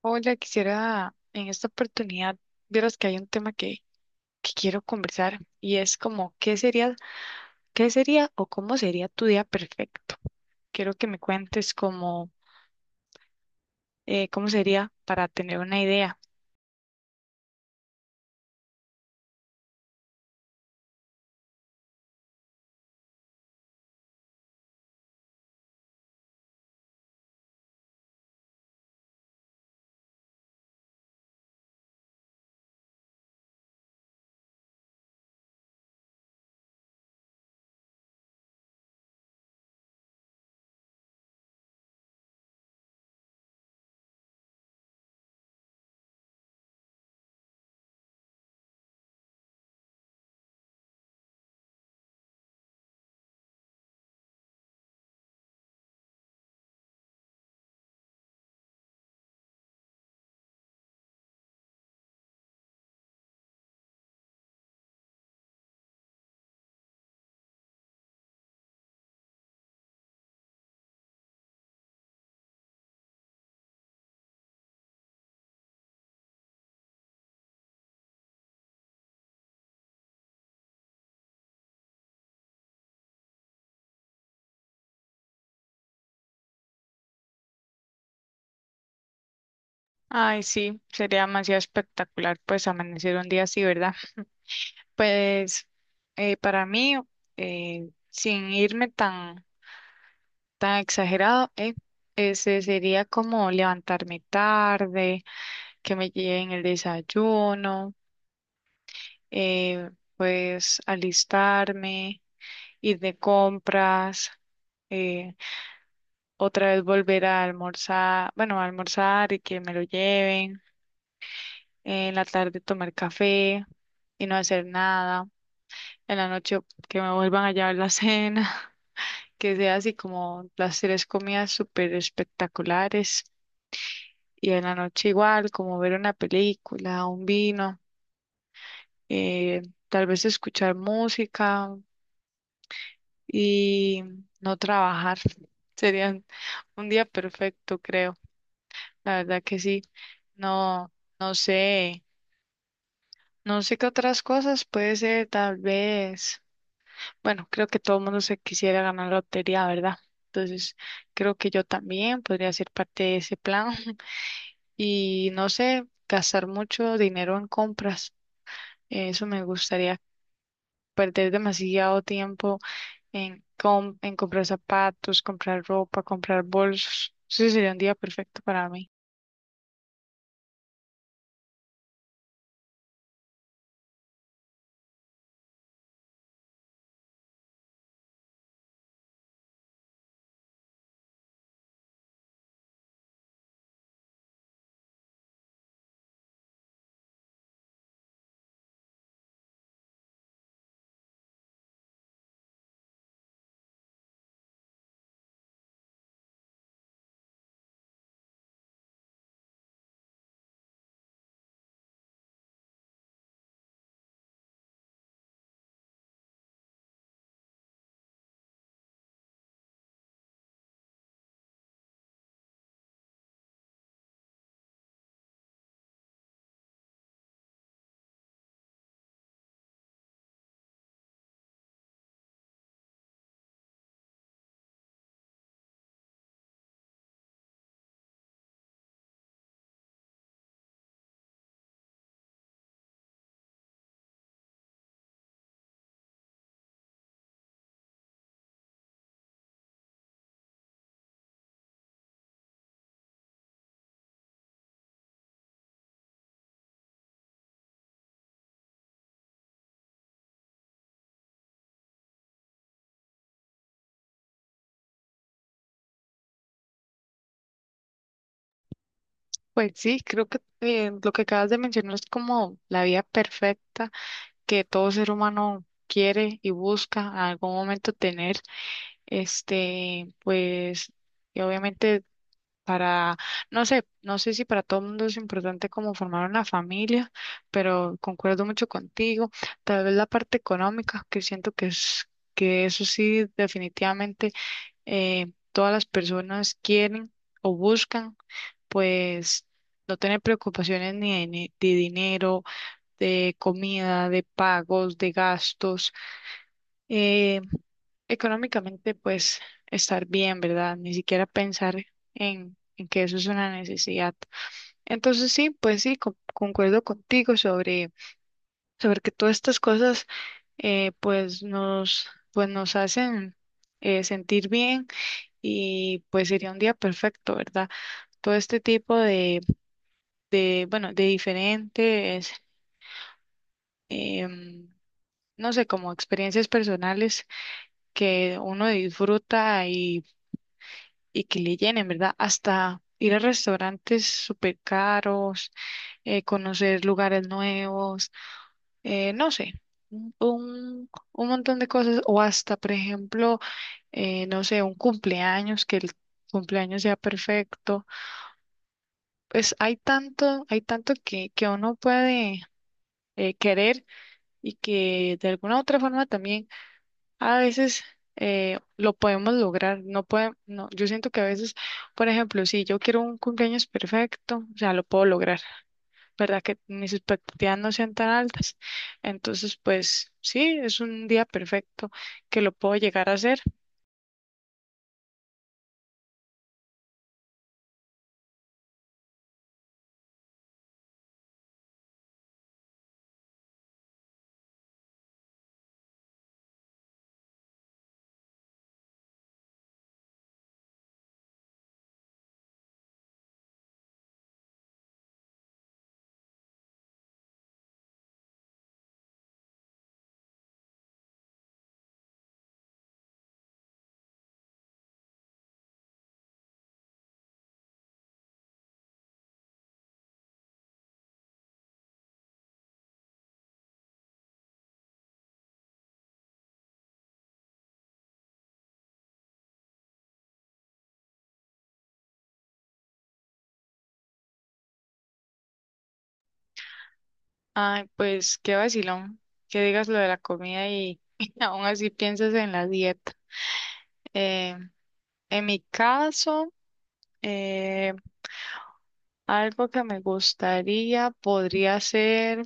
Hola, quisiera en esta oportunidad, vieras que hay un tema que quiero conversar y es como, qué sería o cómo sería tu día perfecto? Quiero que me cuentes cómo, cómo sería para tener una idea. Ay, sí, sería demasiado espectacular pues amanecer un día así, ¿verdad? Pues para mí, sin irme tan, tan exagerado, ese sería como levantarme tarde, que me lleven el desayuno, eh, pues alistarme, ir de compras, eh, otra vez volver a almorzar, bueno, a almorzar y que me lo lleven, en la tarde tomar café y no hacer nada. En la noche que me vuelvan a llevar la cena, que sea así como las tres comidas súper espectaculares y en la noche igual, como ver una película, un vino, eh, tal vez escuchar música y no trabajar. Sería un día perfecto, creo. La verdad que sí. No, no sé, no sé qué otras cosas puede ser, tal vez. Bueno, creo que todo el mundo se quisiera ganar la lotería, ¿verdad? Entonces, creo que yo también podría ser parte de ese plan y no sé, gastar mucho dinero en compras. Eso me gustaría, perder demasiado tiempo en comprar zapatos, comprar ropa, comprar bolsos. Ese sería un día perfecto para mí. Pues sí, creo que lo que acabas de mencionar es como la vida perfecta que todo ser humano quiere y busca en algún momento tener. Este, pues, y obviamente para, no sé si para todo el mundo es importante como formar una familia, pero concuerdo mucho contigo. Tal vez la parte económica, que siento que es, que eso sí, definitivamente todas las personas quieren o buscan, pues, no tener preocupaciones de dinero, de comida, de pagos, de gastos. eh, económicamente, pues estar bien, ¿verdad? Ni siquiera pensar en que eso es una necesidad. Entonces sí, pues sí, concuerdo contigo sobre que todas estas cosas pues nos hacen sentir bien y pues sería un día perfecto, ¿verdad? Todo este tipo de bueno, de diferentes, em, no sé, como experiencias personales que uno disfruta y que le llenen, ¿verdad? Hasta ir a restaurantes súper caros, conocer lugares nuevos, no sé, un montón de cosas, o hasta, por ejemplo, no sé, un cumpleaños, que el cumpleaños sea perfecto. Pues hay tanto que uno puede querer y que de alguna u otra forma también a veces lo podemos lograr, no puede, no, yo siento que a veces, por ejemplo, si yo quiero un cumpleaños perfecto, o sea, lo puedo lograr, ¿verdad? Que mis expectativas no sean tan altas, entonces, pues sí, es un día perfecto que lo puedo llegar a hacer. Ay, pues qué vacilón, que digas lo de la comida y aún así piensas en la dieta. Eh, en mi caso, eh, algo que me gustaría podría ser...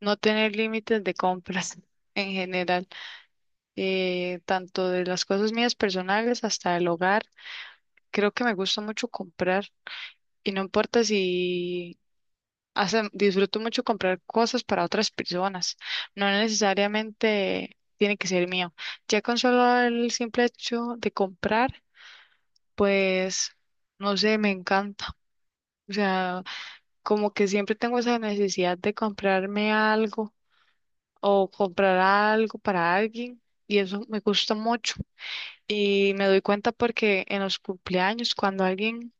No tener límites de compras en general, tanto de las cosas mías personales hasta el hogar. Creo que me gusta mucho comprar y no importa si hasta disfruto mucho comprar cosas para otras personas. No necesariamente tiene que ser mío. Ya con solo el simple hecho de comprar, pues no sé, me encanta. O sea, como que siempre tengo esa necesidad de comprarme algo o comprar algo para alguien y eso me gusta mucho. Y me doy cuenta porque en los cumpleaños, cuando alguien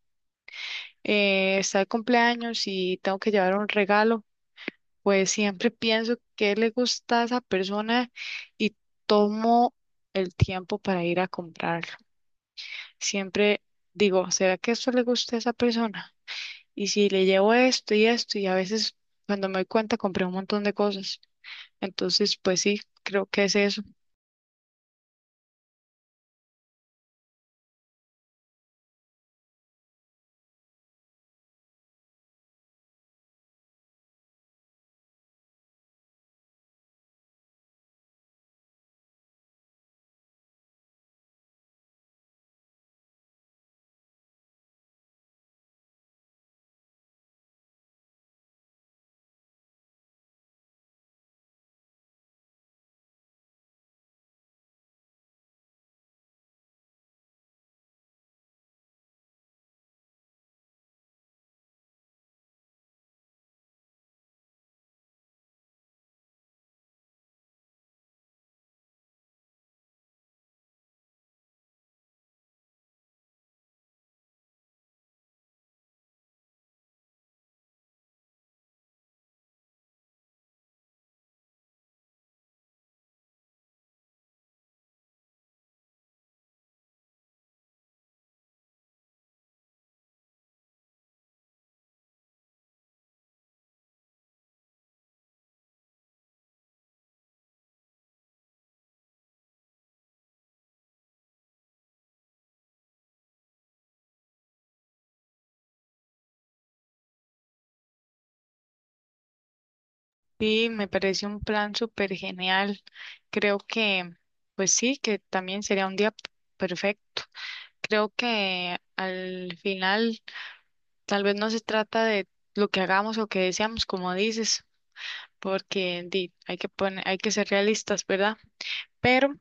está de cumpleaños y tengo que llevar un regalo, pues siempre pienso qué le gusta a esa persona y tomo el tiempo para ir a comprarlo. Siempre digo, ¿será que esto le gusta a esa persona? Y si le llevo esto y esto, y a veces cuando me doy cuenta compré un montón de cosas. Entonces, pues sí, creo que es eso. Sí, me parece un plan súper genial. Creo que, pues sí, que también sería un día perfecto. Creo que al final tal vez no se trata de lo que hagamos o que deseamos, como dices, porque di, hay que poner, hay que ser realistas, ¿verdad? Pero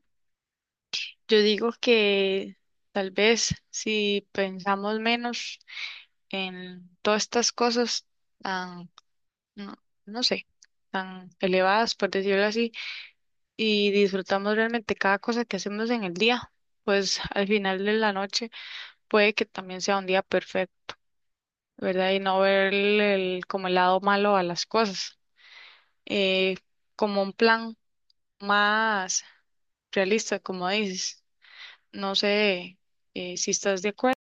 yo digo que tal vez si pensamos menos en todas estas cosas tan, no, no sé, tan elevadas, por decirlo así y disfrutamos realmente cada cosa que hacemos en el día, pues al final de la noche puede que también sea un día perfecto, ¿verdad? Y no ver como el lado malo a las cosas, eh, como un plan más realista, como dices. No sé si estás de acuerdo.